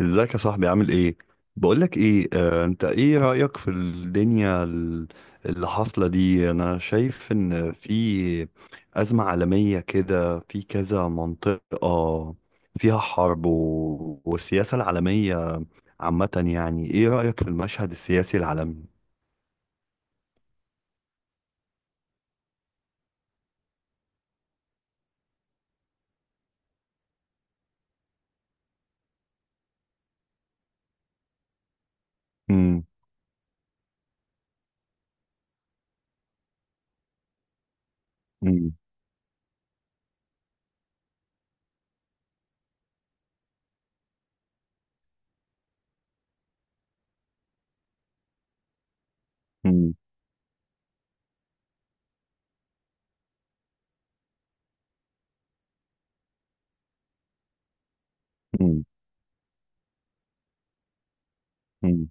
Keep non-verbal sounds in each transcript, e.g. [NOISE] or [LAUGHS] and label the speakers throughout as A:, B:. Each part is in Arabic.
A: ازيك يا صاحبي، عامل ايه؟ بقولك ايه، انت ايه رأيك في الدنيا اللي حاصلة دي. انا شايف ان في أزمة عالمية كده، في كذا منطقة فيها حرب والسياسة العالمية عامة. يعني ايه رأيك في المشهد السياسي العالمي؟ مم. مم. مم. مم. مم.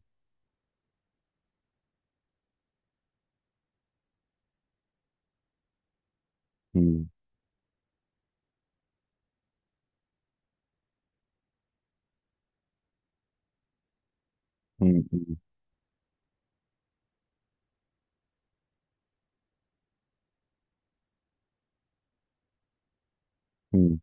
A: مم. مم. مم.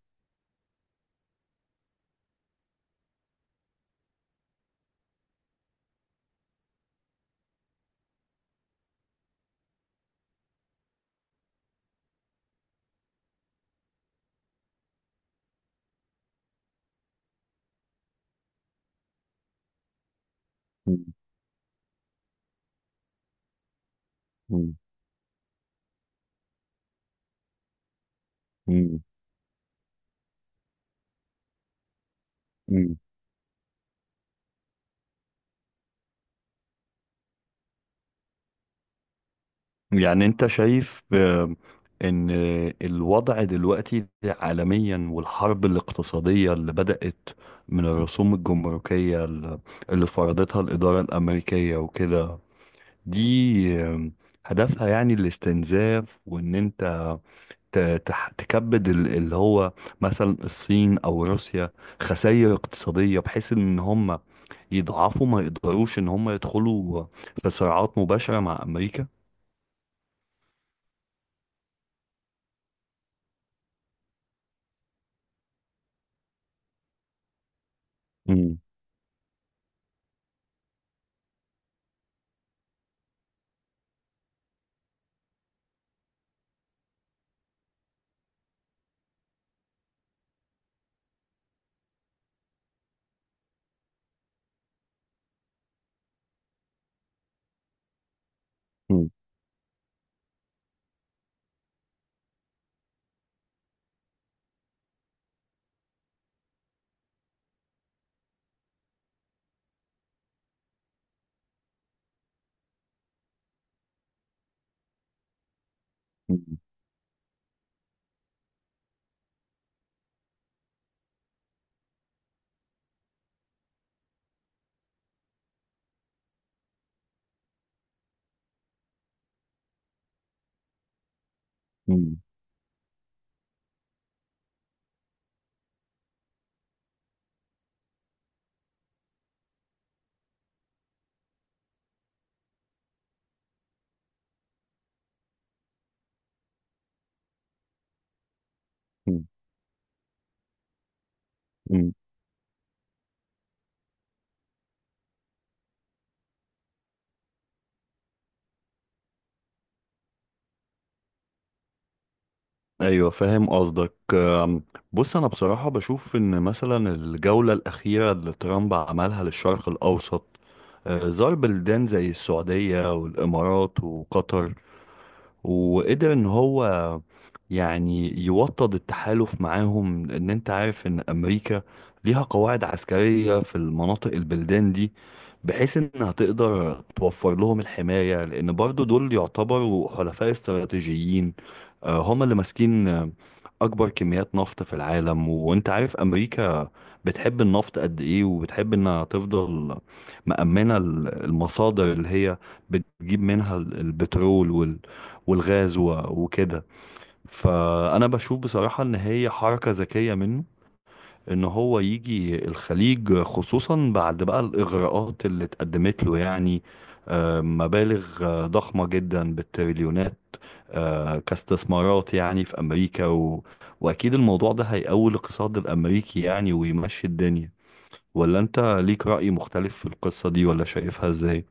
A: مم. مم. مم. يعني انت شايف، ان الوضع دلوقتي عالميا والحرب الاقتصادية اللي بدأت من الرسوم الجمركية اللي فرضتها الإدارة الأمريكية وكده، دي آه، هدفها يعني الاستنزاف، وان انت تكبد اللي هو مثلا الصين او روسيا خسائر اقتصادية، بحيث ان هم يضعفوا ما يقدروش ان هم يدخلوا في صراعات مباشرة مع امريكا. مم. مم. مم. مم. مم. ايوه، فاهم قصدك. بص، انا بصراحه بشوف ان مثلا الجوله الاخيره اللي ترامب عملها للشرق الاوسط، زار بلدان زي السعوديه والامارات وقطر، وقدر ان هو يعني يوطد التحالف معاهم، لان انت عارف ان امريكا ليها قواعد عسكرية في المناطق البلدان دي، بحيث انها تقدر توفر لهم الحماية، لان برضو دول يعتبروا حلفاء استراتيجيين. هم اللي ماسكين اكبر كميات نفط في العالم، وانت عارف امريكا بتحب النفط قد ايه، وبتحب انها تفضل مأمنة المصادر اللي هي بتجيب منها البترول والغاز وكده. فانا بشوف بصراحة ان هي حركة ذكية منه، ان هو يجي الخليج، خصوصا بعد بقى الاغراءات اللي اتقدمت له، يعني مبالغ ضخمة جدا بالتريليونات، كاستثمارات يعني في امريكا واكيد الموضوع ده هيقوي الاقتصاد الامريكي يعني ويمشي الدنيا. ولا انت ليك رأي مختلف في القصة دي، ولا شايفها ازاي؟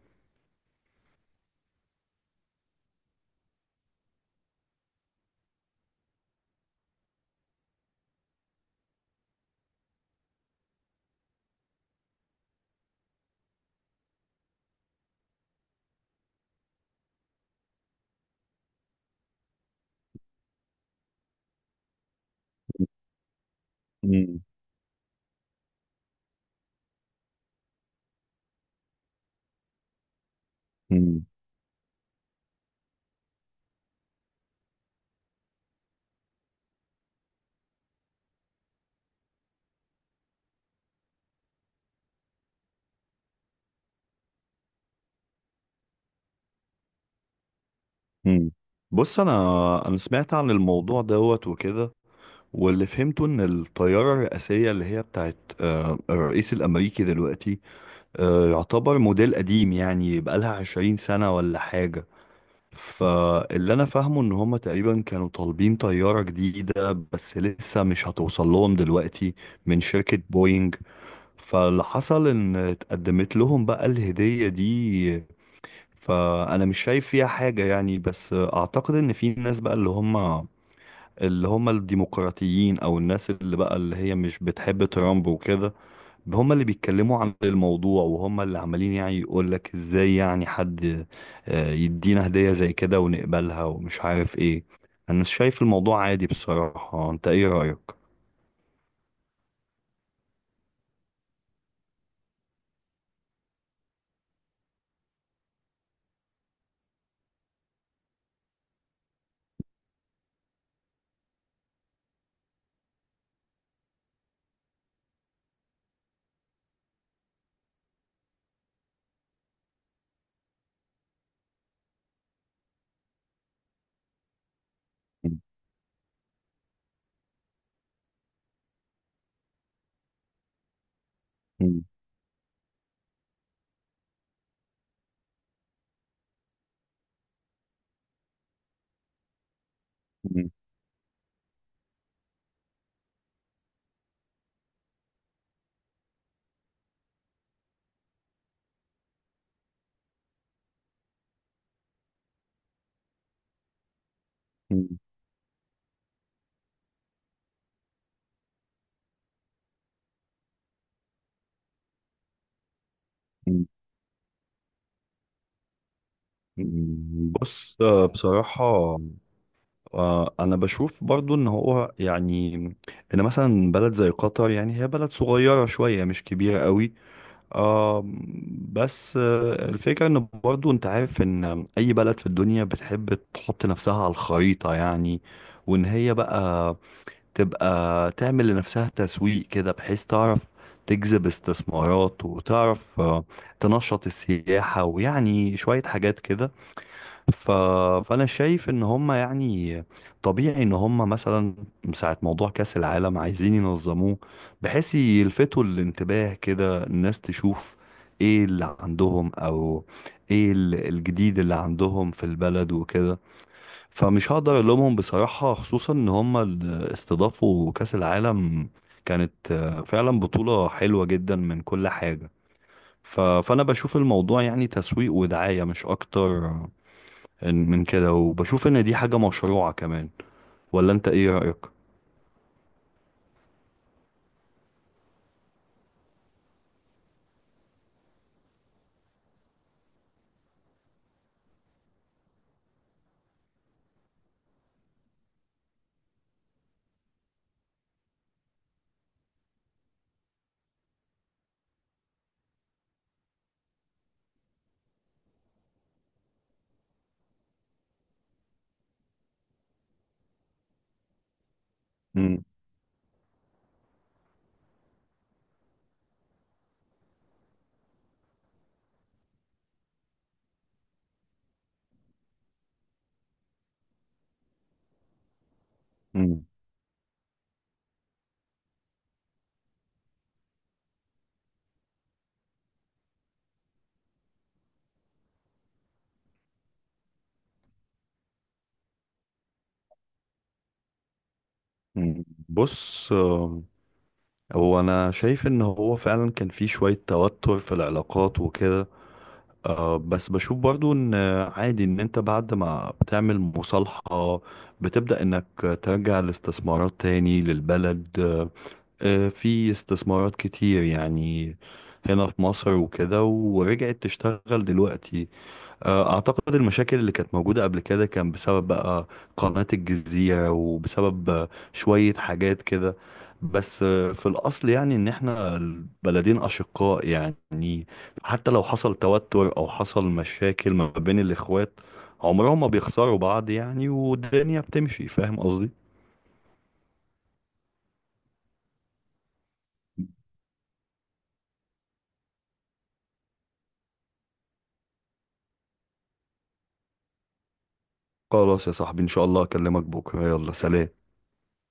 A: مم. مم. مم. بص، انا سمعت عن الموضوع دوت وكده، واللي فهمته ان الطيارة الرئاسية اللي هي بتاعت الرئيس الامريكي دلوقتي يعتبر موديل قديم، يعني بقالها 20 سنة ولا حاجة. فاللي انا فاهمه ان هما تقريبا كانوا طالبين طيارة جديدة، بس لسه مش هتوصل لهم دلوقتي من شركة بوينج. فاللي حصل ان اتقدمت لهم بقى الهدية دي. فانا مش شايف فيها حاجة يعني، بس اعتقد ان في ناس بقى اللي هم الديمقراطيين، او الناس اللي بقى اللي هي مش بتحب ترامب وكده. هم اللي بيتكلموا عن الموضوع، وهم اللي عمالين يعني يقول لك ازاي يعني حد يدينا هدية زي كده ونقبلها، ومش عارف ايه. انا شايف الموضوع عادي بصراحة، انت ايه رأيك؟ [LAUGHS] بص، بصراحة أنا بشوف برضو إن هو يعني إن مثلا بلد زي قطر يعني هي بلد صغيرة شوية، مش كبيرة قوي. آه. بس الفكرة ان برضو انت عارف ان اي بلد في الدنيا بتحب تحط نفسها على الخريطة، يعني وان هي بقى تبقى تعمل لنفسها تسويق كده، بحيث تعرف تجذب استثمارات، وتعرف تنشط السياحة، ويعني شوية حاجات كده. ف... فانا شايف ان هم يعني طبيعي ان هم مثلا ساعة موضوع كأس العالم عايزين ينظموه، بحيث يلفتوا الانتباه كده الناس تشوف ايه اللي عندهم، او ايه الجديد اللي عندهم في البلد وكده. فمش هقدر الومهم بصراحة، خصوصا ان هم استضافوا كأس العالم، كانت فعلا بطولة حلوة جدا من كل حاجة. فانا بشوف الموضوع يعني تسويق ودعاية مش اكتر من كده، وبشوف ان دي حاجة مشروعة كمان. ولا انت ايه رأيك؟ مم. مم. مم. بص، هو انا شايف ان هو فعلا كان في شوية توتر في العلاقات وكده. بس بشوف برضو ان عادي ان انت بعد ما بتعمل مصالحة، بتبدأ انك ترجع الاستثمارات تاني للبلد. في استثمارات كتير يعني هنا في مصر وكده، ورجعت تشتغل دلوقتي. أعتقد المشاكل اللي كانت موجودة قبل كده كان بسبب بقى قناة الجزيرة، وبسبب شوية حاجات كده. بس في الأصل يعني إن إحنا البلدين أشقاء، يعني حتى لو حصل توتر أو حصل مشاكل ما بين الإخوات، عمرهم ما بيخسروا بعض، يعني والدنيا بتمشي. فاهم قصدي؟ خلاص يا صاحبي، إن شاء الله أكلمك بكرة، يلا سلام.